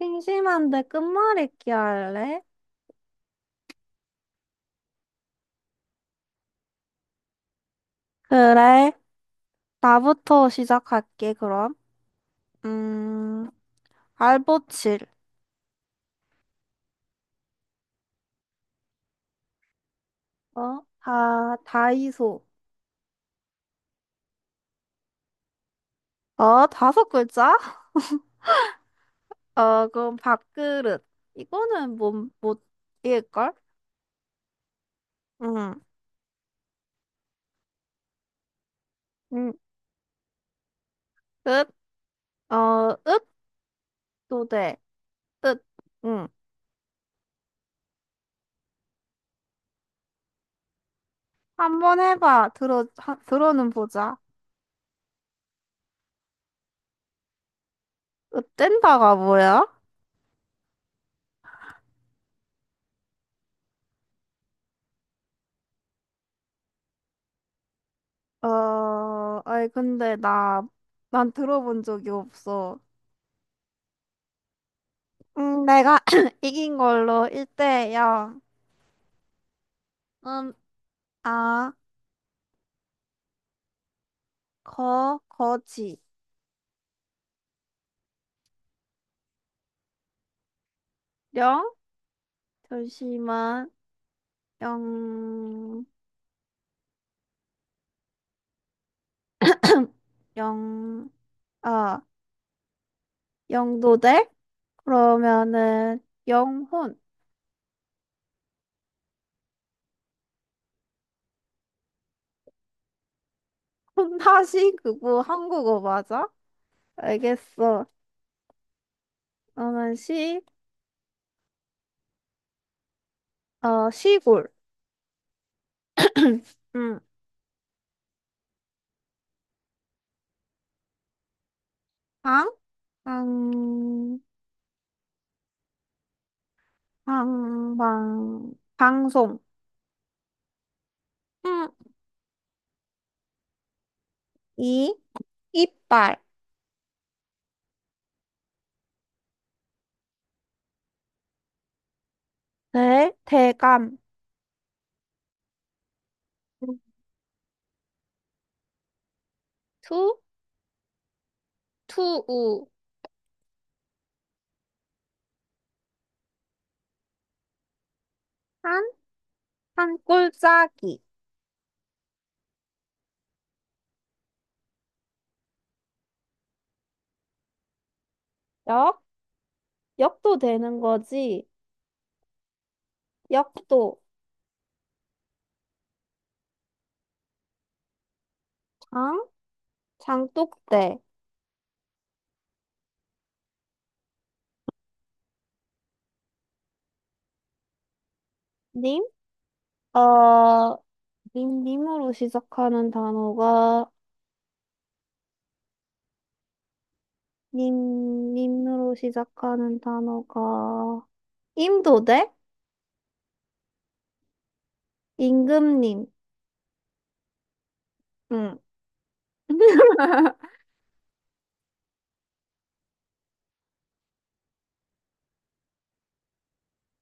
심심한데 끝말잇기 할래? 그래. 나부터 시작할게, 그럼. 음, 알보칠. 어? 다이소. 어, 다섯 글자? 어, 그럼 밥그릇. 이거는 못, 못일걸. 응. 응, 읒? 어, 읒? 도대. 읒. 응. 한번 해봐. 들어는 보자. 읒된다가 뭐야? 아니, 근데 난 들어본 적이 없어. 내가 이긴 걸로 1대 0. 음. 아, 거지. 영? 잠시만. 영, 영, 아, 영도대? 그러면은, 영혼. 혼다시 그거 한국어 맞아? 알겠어. 그러면 시골. 응. 방? 방, 방송. 응. 이, 이빨. 대감. 투, 투우. 한, 한 꼴짜기. 역, 역도 되는 거지. 역도. 장, 장독대. 님, 어, 님으로 시작하는 단어가, 님으로 시작하는 단어가, 임도대? 임금님. 응.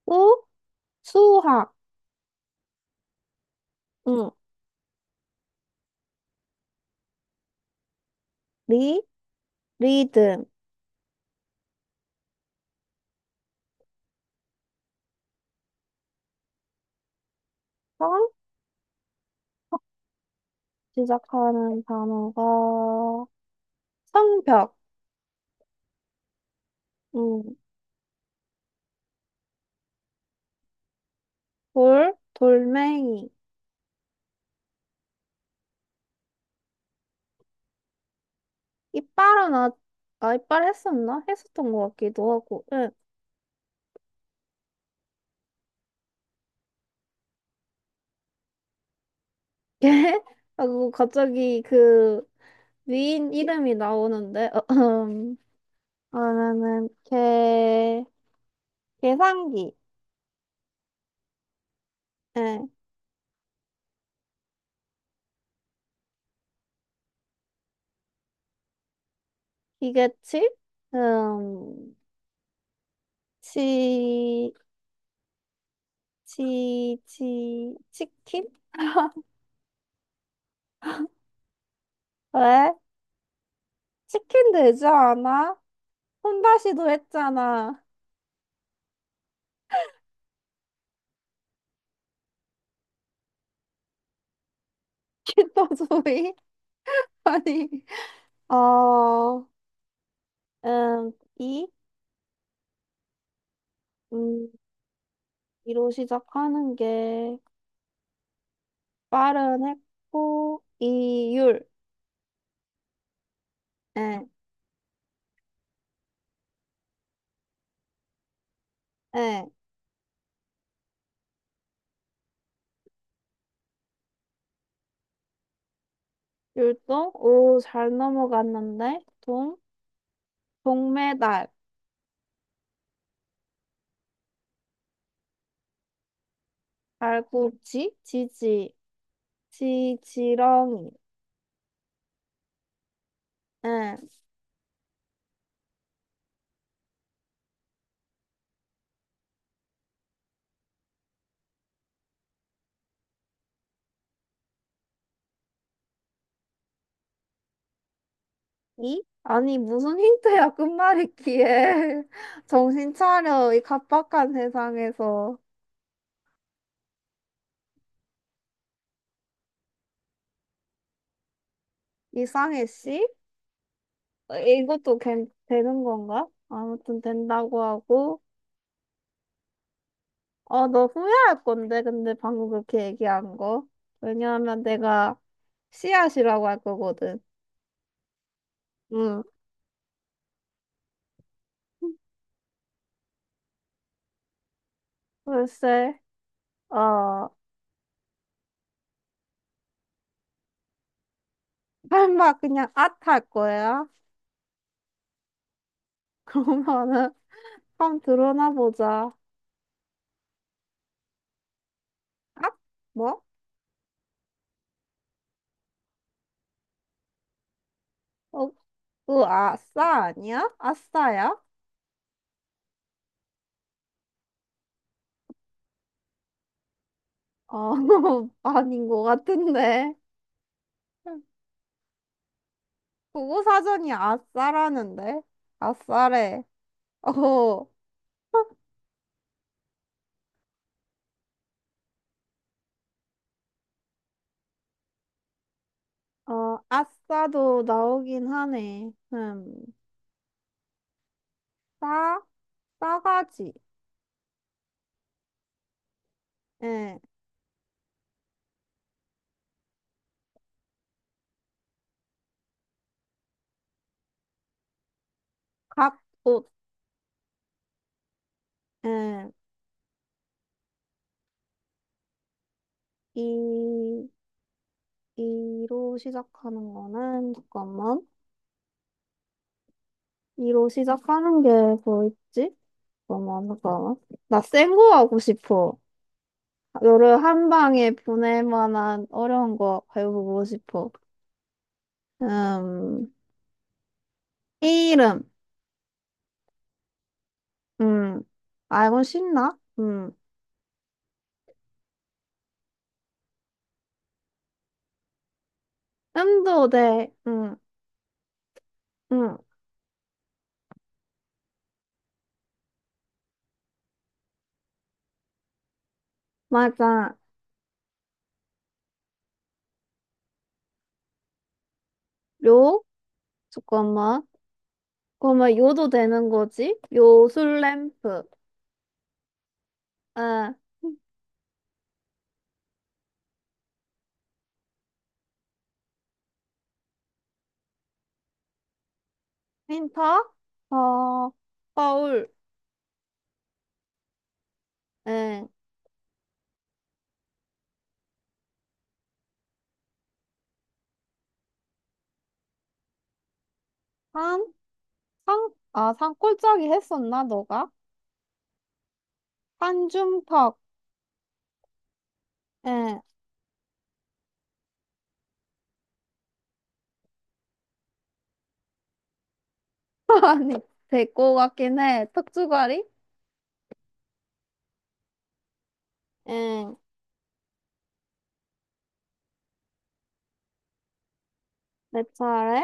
우, 수학. 응. 리, 리듬. 선, 시작하는 단어가, 성벽, 음, 돌멩이, 이빨은 아, 이빨 했었나? 했었던 것 같기도 하고, 응. 걔? 하고 갑자기 그 위인 이름이 나오는데, 음. 그러면은 계산기, 예, 기계치. 음, 치, 치킨? 왜? 치킨 되지 않아? 혼다시도 했잖아. 키토조이? 아니. 어, 음, 이, 음, 이로 시작하는 게 빠른 했고, 이율, 예, 예, 율동. 오, 잘 넘어갔는데, 동메달, 발꿈치, 지렁이, 예, 이? 아니, 무슨 힌트야, 끝말잇기에. 정신 차려, 이 각박한 세상에서. 이상해, 씨? 이것도 되는 건가? 아무튼 된다고 하고, 너 후회할 건데, 근데 방금 그렇게 얘기한 거. 왜냐하면 내가 씨앗이라고 할 거거든. 응. 글쎄. 어, 설마 그냥 앗할 거야? 그러면은, 한번 들어나 보자. 앗? 뭐? 어, 그 아싸 아니야? 아싸야? 어, 아닌 것 같은데. 국어사전이 아싸라는데? 아싸래. 어, 어, 아싸도 나오긴 하네. 싸, 싸가지. 예, 갑옷. 예, 이, 이로 시작하는 거는, 잠깐만. 이로 시작하는 게 뭐 있지? 잠깐만, 잠깐만. 나 센 거 하고 싶어. 너를 한 방에 보낼 만한 어려운 거 배워보고 싶어. 음, 이름. 음, 알고 싶나? 음. 음도 돼. 음. 음. 맞아. 요? 잠깐만. 그러면 요도 되는 거지? 요술 램프. 응. 힌터? 어, 거울. 응. 산, 산골짜기 했었나, 너가? 산중턱. 응. 아니, 될거 같긴 해. 턱주가리? 응. 내 차례?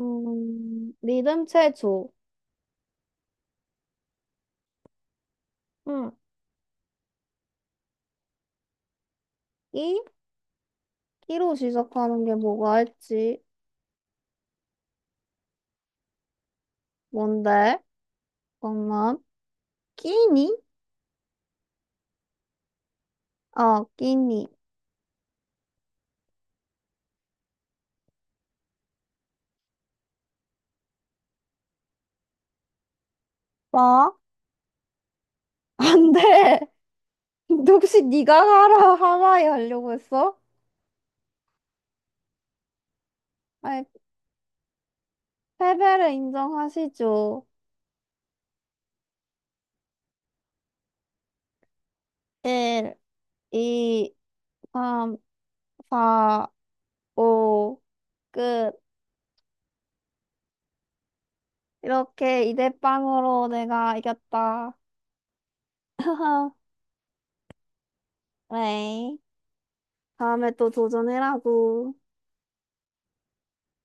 리듬 체조. 응. 끼? 끼로 시작하는 게 뭐가 있지? 뭔데? 잠깐만. 끼니? 끼니. 뭐? 안 돼. 근데 혹시 네가 하라이 하려고 했어? 아니, 패배를 인정하시죠. 1, 2, 3, 4, 5, 끝. 이렇게 이대빵으로 내가 이겼다. 그래. 다음에 또 도전해라고.